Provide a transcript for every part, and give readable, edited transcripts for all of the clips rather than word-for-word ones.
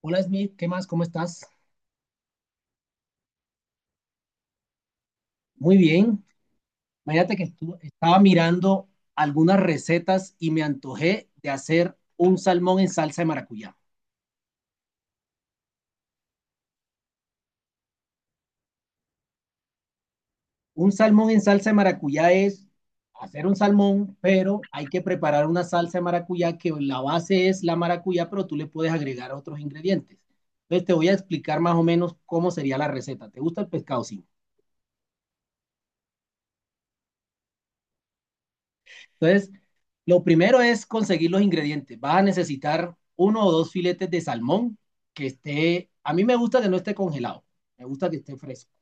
Hola Smith, ¿qué más? ¿Cómo estás? Muy bien. Imagínate que estaba mirando algunas recetas y me antojé de hacer un salmón en salsa de maracuyá. Un salmón en salsa de maracuyá es hacer un salmón, pero hay que preparar una salsa de maracuyá que la base es la maracuyá, pero tú le puedes agregar otros ingredientes. Entonces te voy a explicar más o menos cómo sería la receta. ¿Te gusta el pescado? Sí. Entonces lo primero es conseguir los ingredientes. Vas a necesitar uno o dos filetes de salmón que esté, a mí me gusta que no esté congelado, me gusta que esté fresco.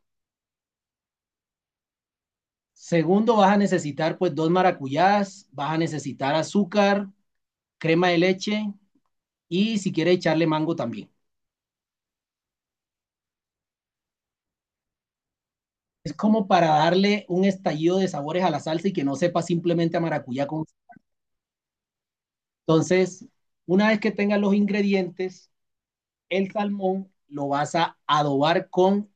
Segundo, vas a necesitar pues dos maracuyás, vas a necesitar azúcar, crema de leche y si quieres echarle mango también. Es como para darle un estallido de sabores a la salsa y que no sepa simplemente a maracuyá. Con... Entonces, una vez que tengas los ingredientes, el salmón lo vas a adobar con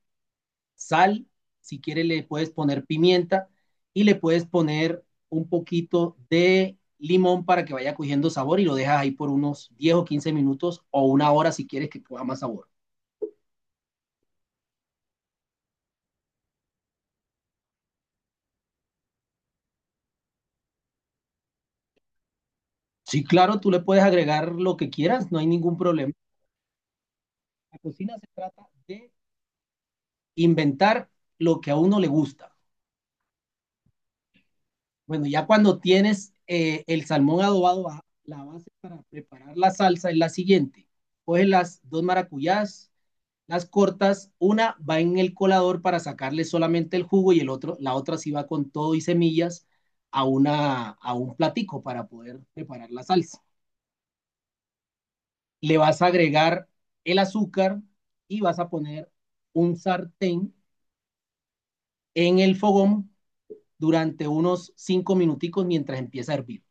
sal, si quieres le puedes poner pimienta y le puedes poner un poquito de limón para que vaya cogiendo sabor y lo dejas ahí por unos 10 o 15 minutos o una hora si quieres que coja más sabor. Sí, claro, tú le puedes agregar lo que quieras, no hay ningún problema. La cocina se trata de inventar lo que a uno le gusta. Bueno, ya cuando tienes el salmón adobado, la base para preparar la salsa es la siguiente. Coges las dos maracuyás, las cortas, una va en el colador para sacarle solamente el jugo y el otro, la otra sí va con todo y semillas a una a un platico para poder preparar la salsa. Le vas a agregar el azúcar y vas a poner un sartén en el fogón durante unos 5 minuticos mientras empieza a hervir.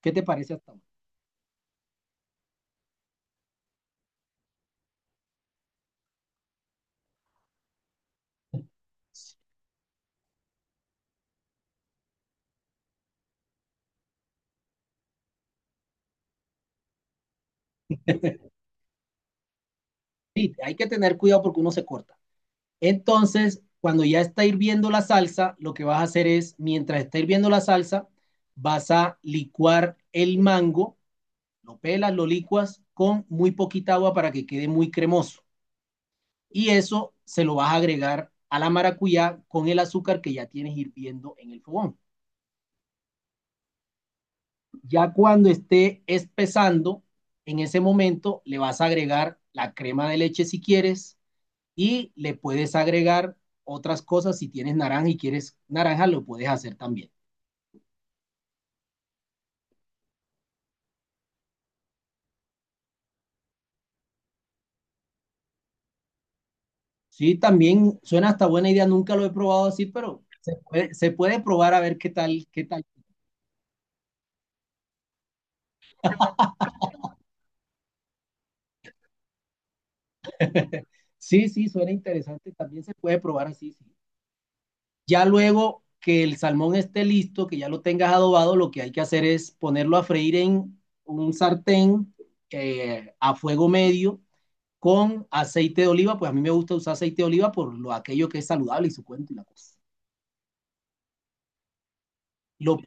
¿Qué te parece hasta ahora? Sí, hay que tener cuidado porque uno se corta. Entonces, cuando ya está hirviendo la salsa, lo que vas a hacer es, mientras está hirviendo la salsa, vas a licuar el mango, lo pelas, lo licuas con muy poquita agua para que quede muy cremoso. Y eso se lo vas a agregar a la maracuyá con el azúcar que ya tienes hirviendo en el fogón. Ya cuando esté espesando, en ese momento le vas a agregar la crema de leche si quieres, y le puedes agregar otras cosas. Si tienes naranja y quieres naranja, lo puedes hacer también. Sí, también suena hasta buena idea. Nunca lo he probado así, pero se puede probar a ver qué tal, qué tal. Sí, sí, suena interesante. También se puede probar así, sí. Ya luego que el salmón esté listo, que ya lo tengas adobado, lo que hay que hacer es ponerlo a freír en un sartén a fuego medio con aceite de oliva. Pues a mí me gusta usar aceite de oliva por lo, aquello que es saludable y su cuento y la cosa. Lo,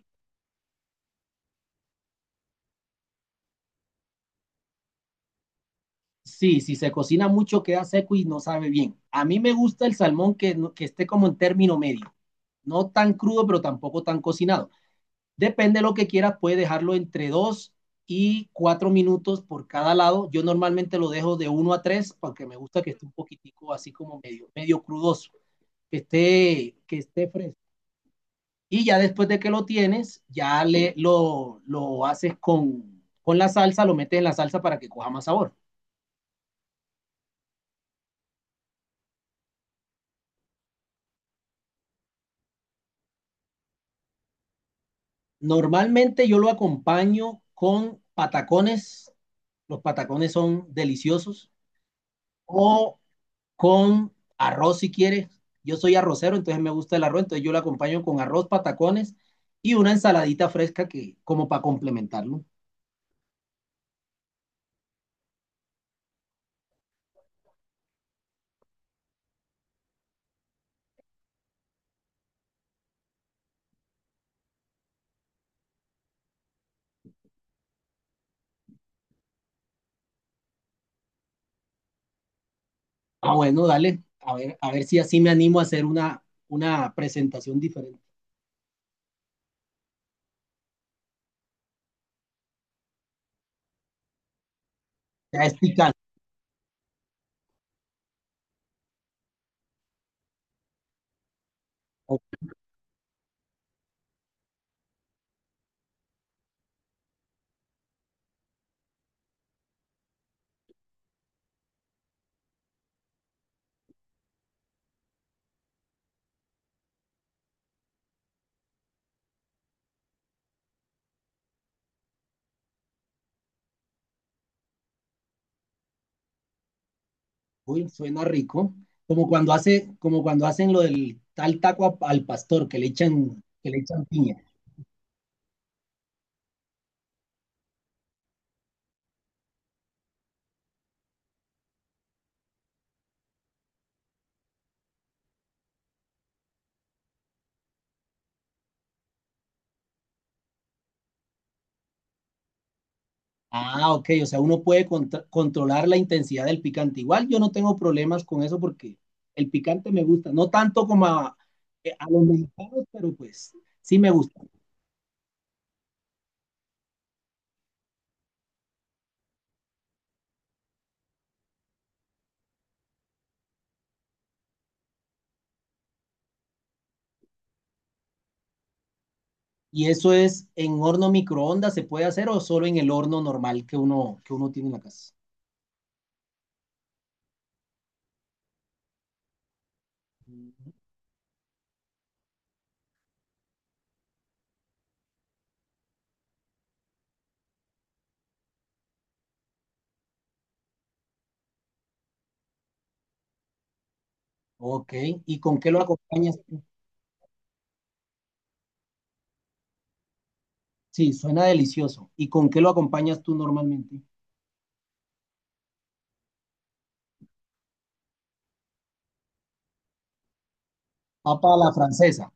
sí, si se cocina mucho queda seco y no sabe bien. A mí me gusta el salmón que, que esté como en término medio, no tan crudo, pero tampoco tan cocinado. Depende de lo que quieras, puedes dejarlo entre 2 y 4 minutos por cada lado. Yo normalmente lo dejo de uno a tres porque me gusta que esté un poquitico así como medio, medio crudoso, que esté fresco. Y ya después de que lo tienes, ya lo haces con la salsa, lo metes en la salsa para que coja más sabor. Normalmente yo lo acompaño con patacones, los patacones son deliciosos, o con arroz si quieres. Yo soy arrocero, entonces me gusta el arroz, entonces yo lo acompaño con arroz, patacones y una ensaladita fresca que como para complementarlo. Ah, bueno, dale, a ver si así me animo a hacer una presentación diferente. Ya es picante. Uy, suena rico. Como cuando hacen lo del tal taco al pastor que le echan piña. Ah, ok, o sea, uno puede controlar la intensidad del picante. Igual yo no tengo problemas con eso porque el picante me gusta, no tanto como a los mexicanos, pero pues sí me gusta. ¿Y eso es en horno microondas se puede hacer o solo en el horno normal que uno tiene en la casa? Mm. Ok, ¿y con qué lo acompañas tú? Sí, suena delicioso. ¿Y con qué lo acompañas tú normalmente? Papa a la francesa.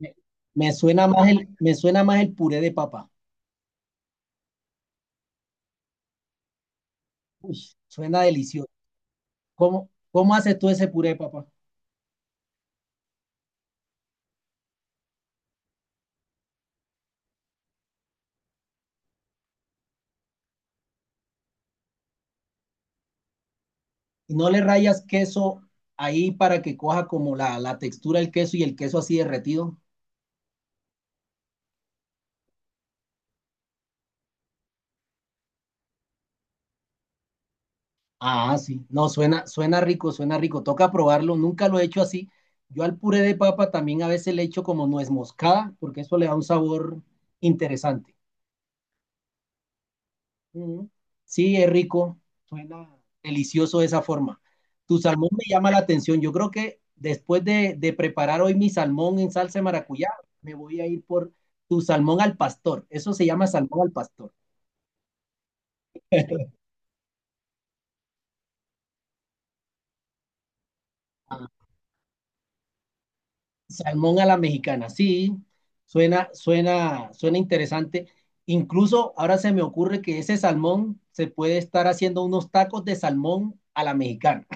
Me, me suena más el puré de papa. Uy, suena delicioso. ¿Cómo haces tú ese puré, papá? ¿Y no le rayas queso ahí para que coja como la textura del queso y el queso así derretido? Ah, sí. No, suena rico. Toca probarlo. Nunca lo he hecho así. Yo al puré de papa también a veces le echo como nuez moscada, porque eso le da un sabor interesante. Mm. Sí, es rico, suena delicioso de esa forma. Tu salmón me llama la atención. Yo creo que después de preparar hoy mi salmón en salsa de maracuyá, me voy a ir por tu salmón al pastor. Eso se llama salmón al pastor. Ah, salmón a la mexicana, sí, suena interesante. Incluso ahora se me ocurre que ese salmón se puede estar haciendo unos tacos de salmón a la mexicana.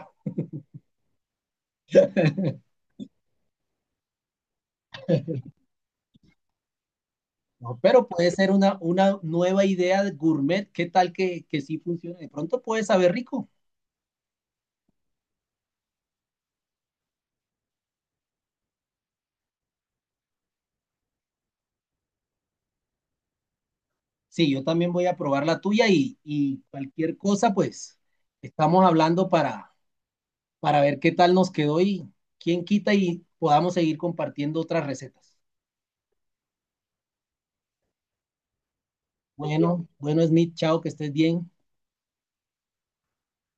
No, pero puede ser una nueva idea de gourmet. ¿Qué tal que sí funcione? De pronto puede saber rico. Sí, yo también voy a probar la tuya y cualquier cosa, pues estamos hablando para ver qué tal nos quedó y quién quita y podamos seguir compartiendo otras recetas. Bueno, bueno, Smith, chao, que estés bien.